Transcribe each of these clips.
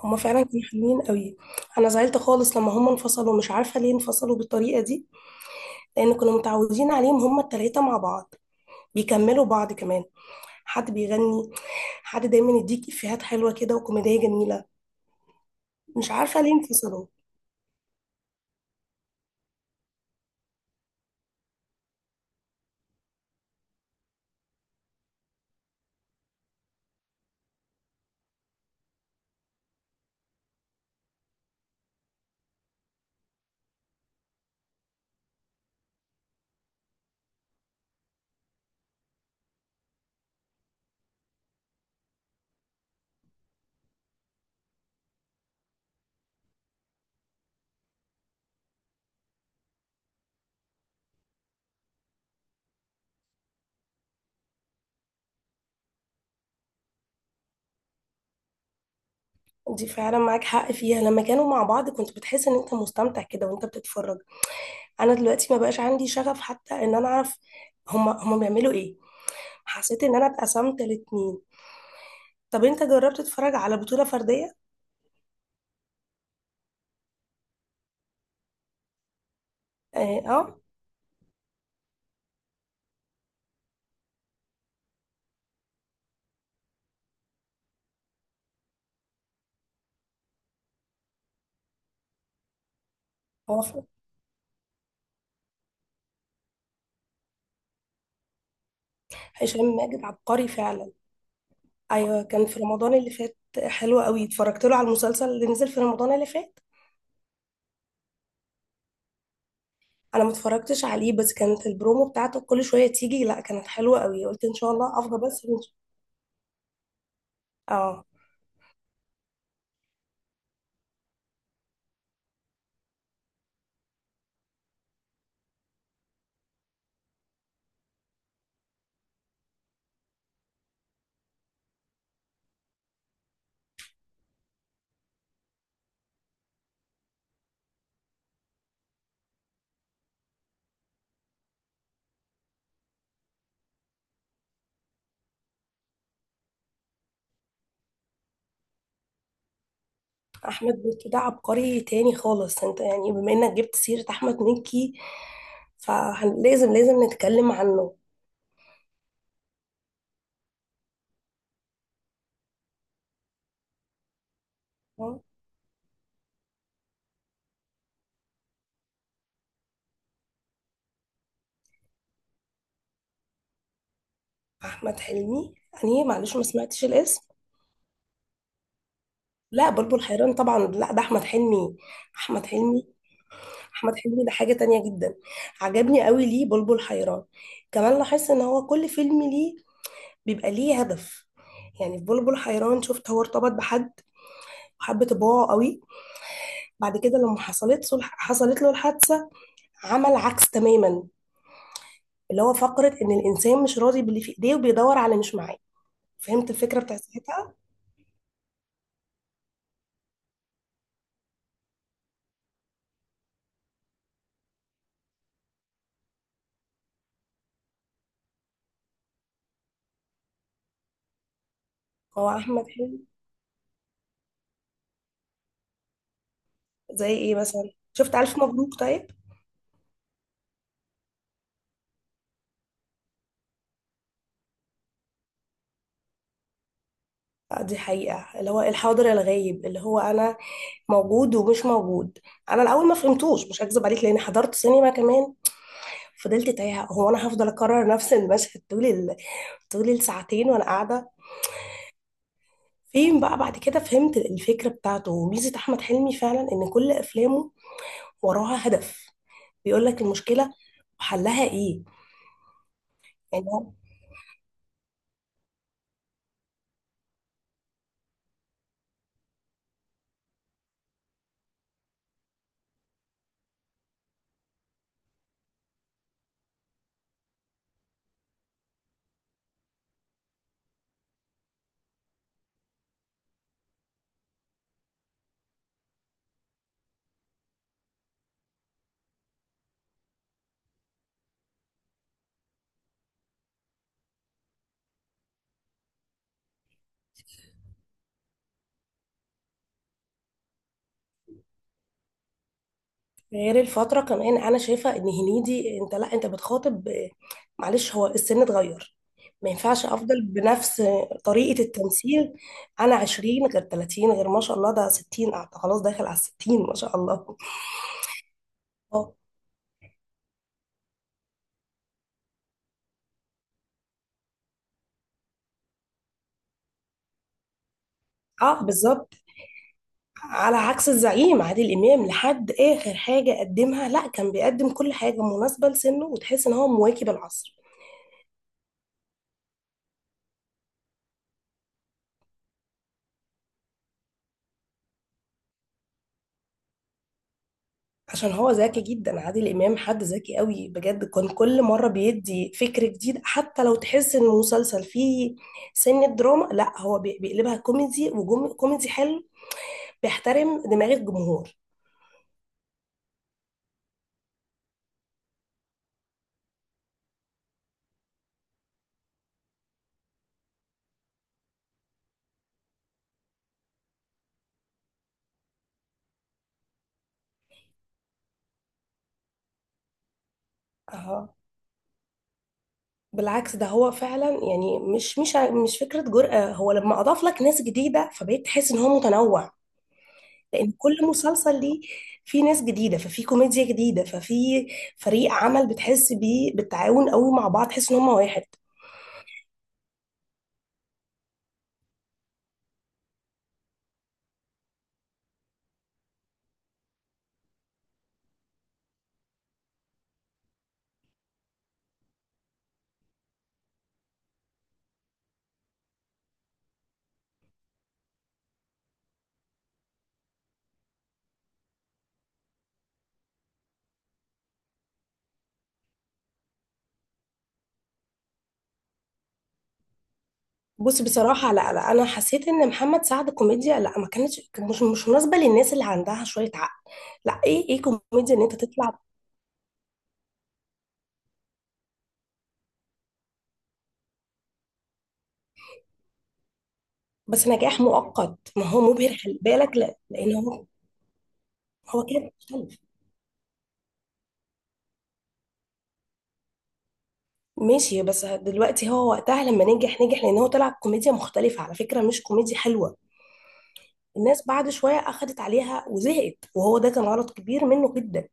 هما فعلا كانوا حلوين قوي. انا زعلت خالص لما هما انفصلوا، مش عارفه ليه انفصلوا بالطريقه دي. لان كنا متعودين عليهم هما التلاته مع بعض، بيكملوا بعض كمان. حد بيغني، حد دايما يديك افيهات حلوه كده وكوميديه جميله. مش عارفه ليه انفصلوا. دي فعلا معاك حق فيها. لما كانوا مع بعض كنت بتحس ان انت مستمتع كده وانت بتتفرج. انا دلوقتي ما بقاش عندي شغف حتى ان انا اعرف هما بيعملوا ايه. حسيت ان انا اتقسمت الاتنين. طب انت جربت تتفرج على بطوله فرديه؟ اه، آه. هو هشام ماجد عبقري فعلا. ايوه، كان في رمضان اللي فات حلو قوي. اتفرجت له على المسلسل اللي نزل في رمضان اللي فات. انا ما اتفرجتش عليه بس كانت البرومو بتاعته كل شويه تيجي. لا، كانت حلوه قوي، قلت ان شاء الله افضل بس اه، احمد مكي ده عبقري تاني خالص. انت يعني بما انك جبت سيره احمد مكي فلازم نتكلم عنه. آه، احمد حلمي؟ يعني معلش ما سمعتش الاسم. لا، بلبل حيران طبعا. لا، ده احمد حلمي. احمد حلمي، احمد حلمي ده حاجة تانية جدا. عجبني قوي ليه بلبل حيران. كمان لاحظت ان هو كل فيلم ليه بيبقى ليه هدف. يعني في بلبل حيران شفت هو ارتبط بحد وحب طباعه قوي. بعد كده لما حصلت له الحادثة، عمل عكس تماما. اللي هو فقرة ان الانسان مش راضي باللي في ايديه وبيدور على اللي مش معاه. فهمت الفكرة بتاعت ساعتها. هو احمد حلمي. زي ايه مثلا؟ شفت الف مبروك طيب؟ دي حقيقة اللي هو الحاضر الغايب، اللي هو انا موجود ومش موجود. انا الاول ما فهمتوش، مش هكذب عليك لاني حضرت سينما كمان. فضلت تايهه، هو انا هفضل اكرر نفس المشهد طول الساعتين وانا قاعده فين بقى؟ بعد كده فهمت الفكره بتاعته، وميزه احمد حلمي فعلا ان كل افلامه وراها هدف. بيقول لك المشكله وحلها ايه. يعني هو. غير الفترة كمان أنا شايفة إن هنيدي أنت، لا، أنت بتخاطب. معلش هو السن اتغير، ما ينفعش أفضل بنفس طريقة التمثيل. أنا 20 غير 30 غير ما شاء الله ده 60، خلاص داخل على الستين ما شاء الله. اه. بالظبط. على عكس الزعيم عادل إمام لحد آخر حاجة قدمها، لا، كان بيقدم كل حاجة مناسبة لسنه وتحس إن هو مواكب العصر. عشان هو ذكي جدا عادل امام، حد ذكي قوي بجد. كان كل مره بيدي فكر جديد حتى لو تحس ان المسلسل فيه سن دراما، لا هو بيقلبها كوميدي وكوميدي حلو. بيحترم دماغ الجمهور. اه بالعكس، ده هو فعلا يعني مش فكره جرأة. هو لما اضاف لك ناس جديده فبقيت تحس ان هو متنوع. لان كل مسلسل ليه فيه ناس جديده، ففي كوميديا جديده، ففي فريق عمل بتحس بيه بالتعاون قوي مع بعض، تحس ان هم واحد. بص بصراحة، لا، لا، أنا حسيت إن محمد سعد كوميديا، لا ما كانتش، كان مش مناسبة للناس اللي عندها شوية عقل. لا، إيه إيه كوميديا إن أنت تطلع. بس نجاح مؤقت، ما هو مبهر خلي بالك، لا لأن هو كان مختلف. ماشي، بس دلوقتي هو وقتها لما نجح لأن هو طلع كوميديا مختلفة على فكرة، مش كوميديا حلوة. الناس بعد شوية أخدت عليها وزهقت، وهو ده كان غلط كبير منه جدا.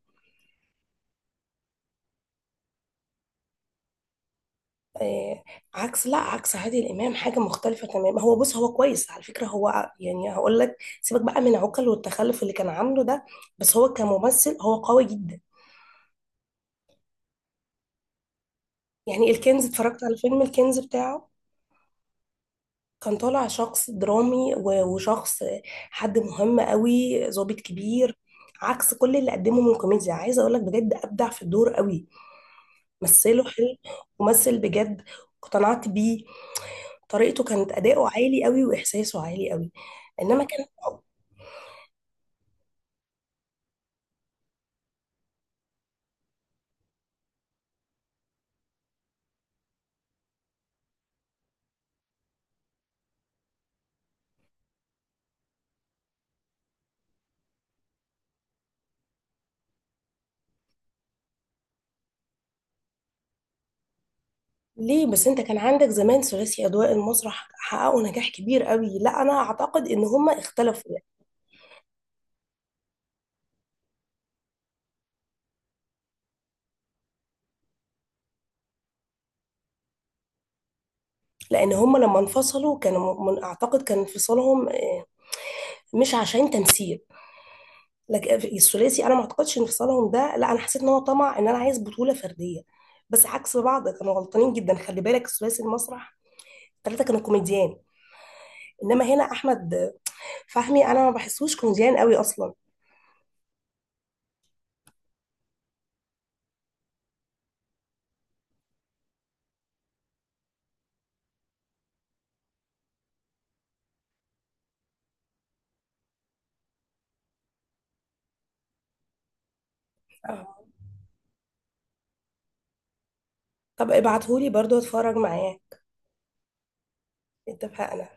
آه، عكس لا عكس عادل امام حاجه مختلفه تماما. هو بص، هو كويس على فكره، يعني هقول لك، سيبك بقى من عقل والتخلف اللي كان عامله ده. بس هو كممثل هو قوي جدا. يعني الكنز، اتفرجت على فيلم الكنز بتاعه. كان طالع شخص درامي و- وشخص، حد مهم قوي، ضابط كبير. عكس كل اللي قدمه من كوميديا، عايزه اقول لك بجد ابدع في الدور قوي. مثله حلو ومثل بجد، اقتنعت بيه. طريقته كانت اداؤه عالي قوي واحساسه عالي قوي. انما كان... ليه بس، انت كان عندك زمان ثلاثي اضواء المسرح، حققوا نجاح كبير قوي. لا، انا اعتقد ان هم اختلفوا يعني. لان هم لما انفصلوا كانوا من، اعتقد كان انفصالهم مش عشان تمثيل. لكن الثلاثي انا ما اعتقدش انفصالهم ده، لا انا حسيت ان هو طمع ان انا عايز بطولة فردية. بس عكس بعض كانوا غلطانين جدا خلي بالك. ثلاثي المسرح الثلاثة كانوا كوميديان. انما هنا احمد فهمي انا ما بحسوش كوميديان قوي اصلا. آه. طب ابعتهولي برضو اتفرج معاه. اتفقنا.